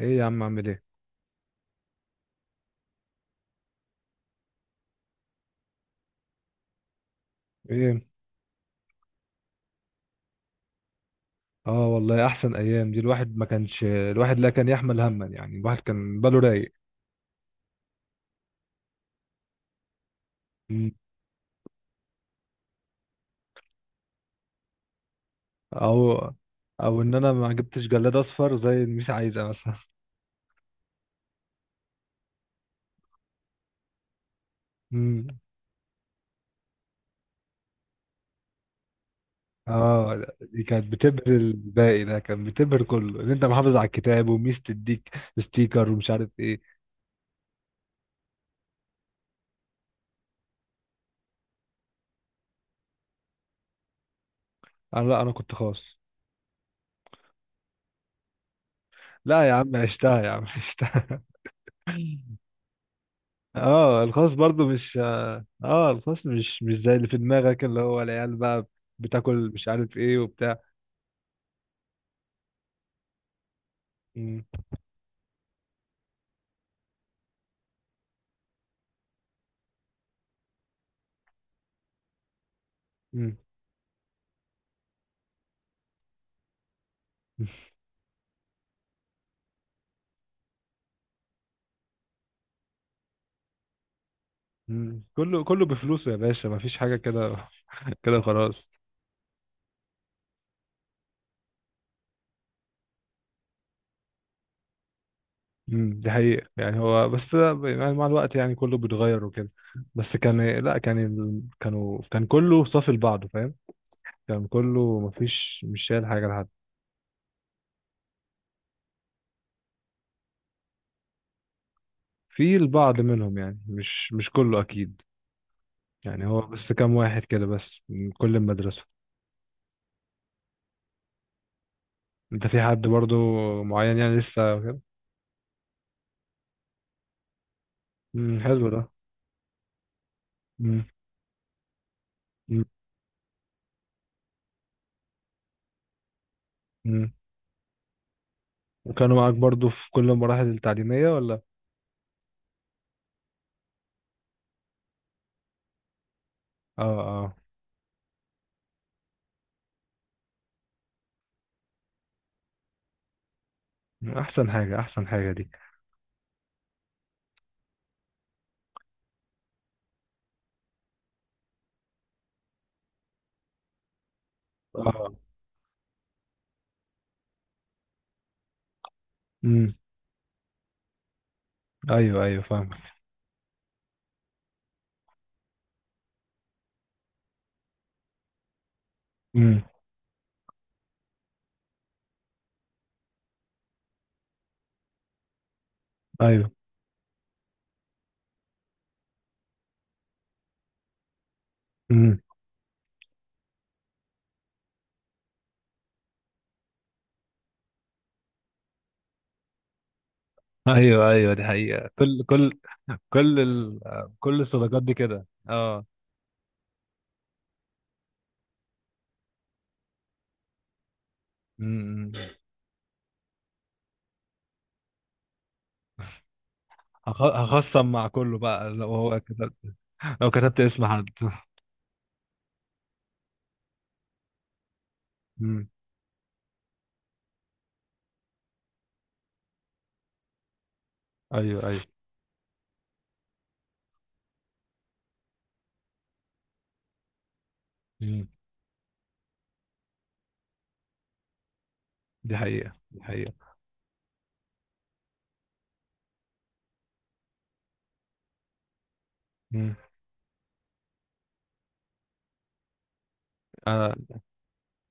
ايه يا عم، اعمل ايه؟ ايه. اه، والله احسن ايام دي. الواحد ما كانش، الواحد لا كان يحمل هما، يعني الواحد كان باله رايق. مم. او او ان انا ما جبتش جلاد اصفر زي الميس عايزه مثلا. مم. اه، دي كانت بتبهر الباقي، ده كان بتبهر كله ان انت محافظ على الكتاب وميس تديك ستيكر ومش عارف ايه. انا، لا، انا كنت خاص. لا يا عم عشتها، يا عم عشتها. اه، الخاص برضو مش. اه، الخاص مش زي اللي في دماغك، اللي هو العيال بقى بتاكل مش عارف ايه وبتاع. مم. مم. مم. كله كله بفلوسه يا باشا، مفيش حاجة كده كده خلاص. مم، دي حقيقة. يعني هو بس يعني مع الوقت يعني كله بيتغير وكده. بس كان، لا كان، كانوا، كان كله صافي لبعضه، فاهم. كان كله مفيش، مش شايل حاجة لحد. في البعض منهم يعني مش كله أكيد. يعني هو بس كام واحد كده بس من كل المدرسة. انت في حد برضو معين يعني لسه كده؟ مم، حلو ده. مم، مم، مم. وكانوا معاك برضو في كل المراحل التعليمية ولا؟ اه، اه، احسن حاجة، احسن حاجة دي. اه، امم، ايوه، ايوه، فاهم. امم، ايوه، امم، ايوه، ايوه، دي حقيقة. كل ال... كل الصداقات دي كده، اه. امم. هخصم مع كله بقى لو كتبت اسم حد. امم، ايوه، ايوه، امم، دي حقيقة، دي حقيقة، امم.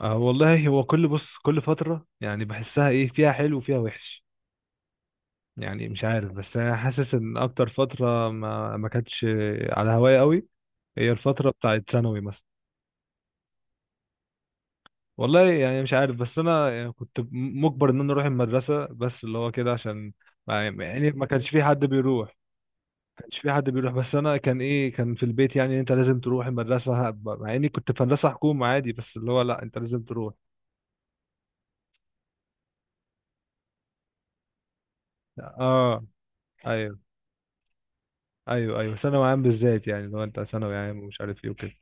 آه، والله هو كل، بص، كل فترة يعني بحسها، ايه فيها حلو وفيها وحش. يعني مش عارف، بس انا حاسس ان اكتر فترة ما كانتش على هواية قوي، هي الفترة بتاعت ثانوي مثلا. والله يعني مش عارف، بس انا يعني كنت مجبر ان انا اروح المدرسة، بس اللي هو كده عشان يعني ما كانش في حد بيروح. ما كانش في حد بيروح، بس انا كان ايه، كان في البيت يعني انت لازم تروح المدرسة، مع اني كنت في مدرسة حكومة عادي بس اللي هو لا انت لازم تروح. اه، ايوه، ايوه. ايوه ثانوي عام بالذات، يعني لو انت ثانوي عام ومش عارف ايه وكده.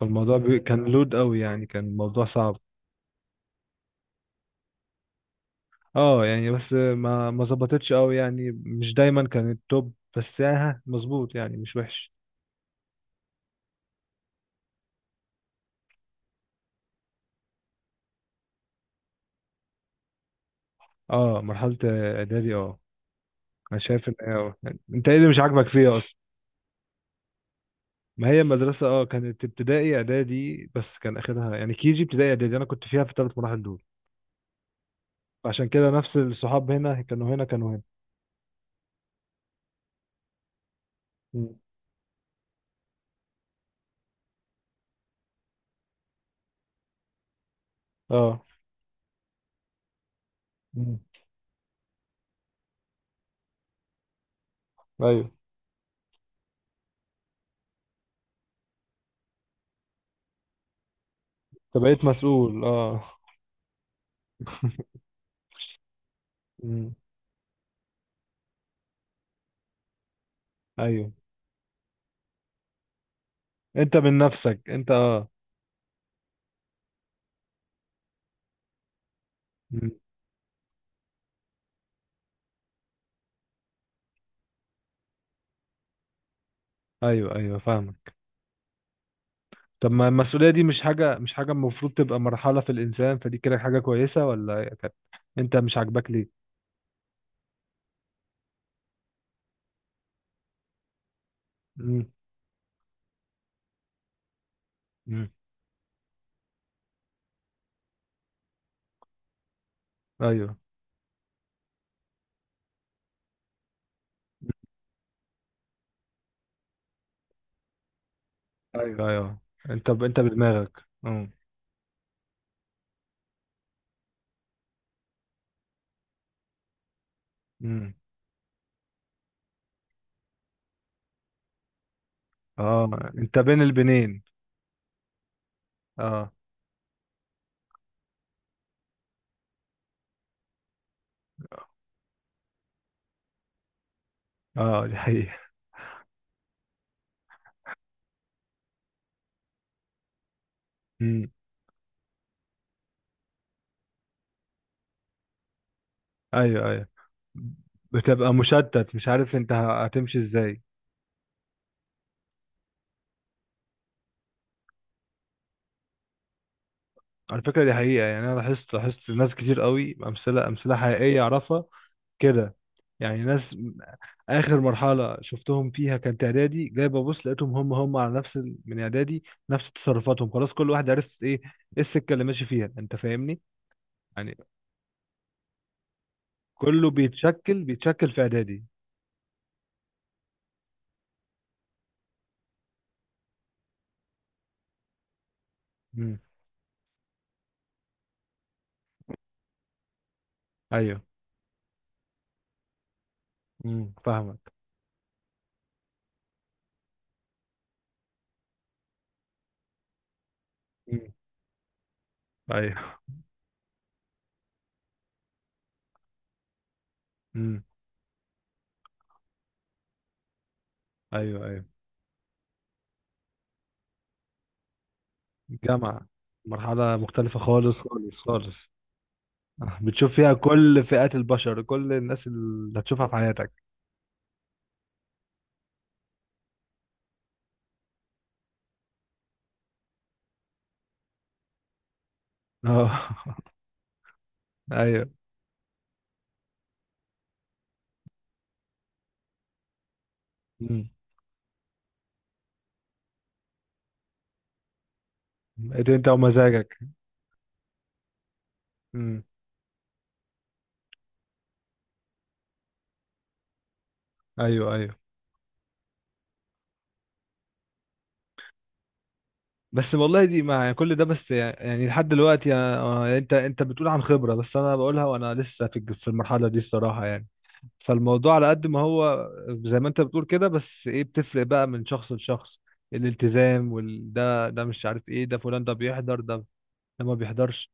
فالموضوع كان لود قوي، يعني كان الموضوع صعب. اه يعني بس ما ظبطتش قوي، يعني مش دايما كان التوب بس يعني ها مظبوط، يعني مش وحش. اه، مرحلة اعدادي، اه. انا شايف ان هي يعني انت ايه اللي مش عاجبك فيها اصلا؟ ما هي المدرسة، اه، كانت ابتدائي اعدادي بس كان اخرها، يعني كيجي ابتدائي اعدادي انا كنت فيها في الثلاث مراحل دول. فعشان كده نفس الصحاب هنا كانوا، هنا كانوا، هنا. مم. اه. مم. ايوه، فبقيت مسؤول، اه. مم. ايوه، انت من نفسك انت، اه. مم. ايوه، ايوه، فاهمك. طب ما المسؤوليه دي مش حاجه، مش حاجه المفروض تبقى مرحله في الانسان؟ فدي كده حاجه كويسه، ولا كانت انت مش عاجباك ليه؟ مم. مم. ايوه، ايوه، ايوه، انت بدماغك. مم. مم، اه، انت بين البنين، اه، اه. دي حقيقه. مم. ايوه، ايوه، بتبقى مشتت مش عارف انت هتمشي ازاي. على فكرة دي حقيقة، يعني أنا لاحظت، لاحظت ناس كتير قوي، أمثلة، أمثلة حقيقية أعرفها كده. يعني ناس آخر مرحلة شفتهم فيها كانت إعدادي، جاي ببص لقيتهم هم على نفس من إعدادي، نفس تصرفاتهم، خلاص كل واحد عرف إيه، إيه السكة اللي ماشي فيها، أنت فاهمني. يعني كله بيتشكل في إعدادي. امم، أيوه، امم، فاهمك. امم، أيوه، امم، أيوه، أيوه جامعة، مرحلة مختلفة خالص، خالص، خالص. آه، بتشوف فيها كل فئات البشر، كل الناس اللي هتشوفها في حياتك. اه. ايوه. مم. إيه، انت ومزاجك. مم. ايوه، ايوه. بس والله دي، مع كل ده بس يعني لحد دلوقتي انت بتقول عن خبرة، بس انا بقولها وانا لسه في المرحلة دي الصراحة يعني. فالموضوع على قد ما هو زي ما انت بتقول كده، بس ايه، بتفرق بقى من شخص لشخص، الالتزام وال ده مش عارف ايه، ده فلان ده بيحضر، ده ما بيحضرش.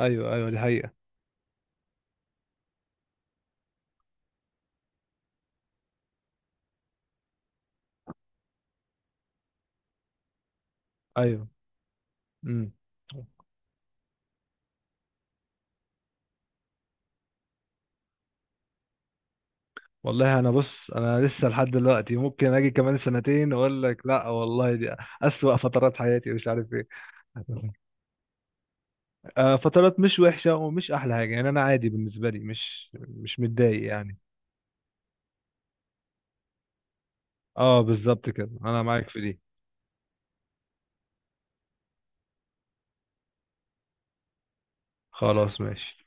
ايوه، ايوه، دي حقيقة. ايوه، امم. والله انا، بص، انا لسه لحد دلوقتي ممكن اجي كمان سنتين اقول لك لا والله دي اسوأ فترات حياتي، مش عارف ايه. آه، فترات مش وحشة ومش احلى حاجة، يعني انا عادي بالنسبة لي، مش متضايق يعني. اه بالظبط كده، انا معاك في دي. خلاص ماشي.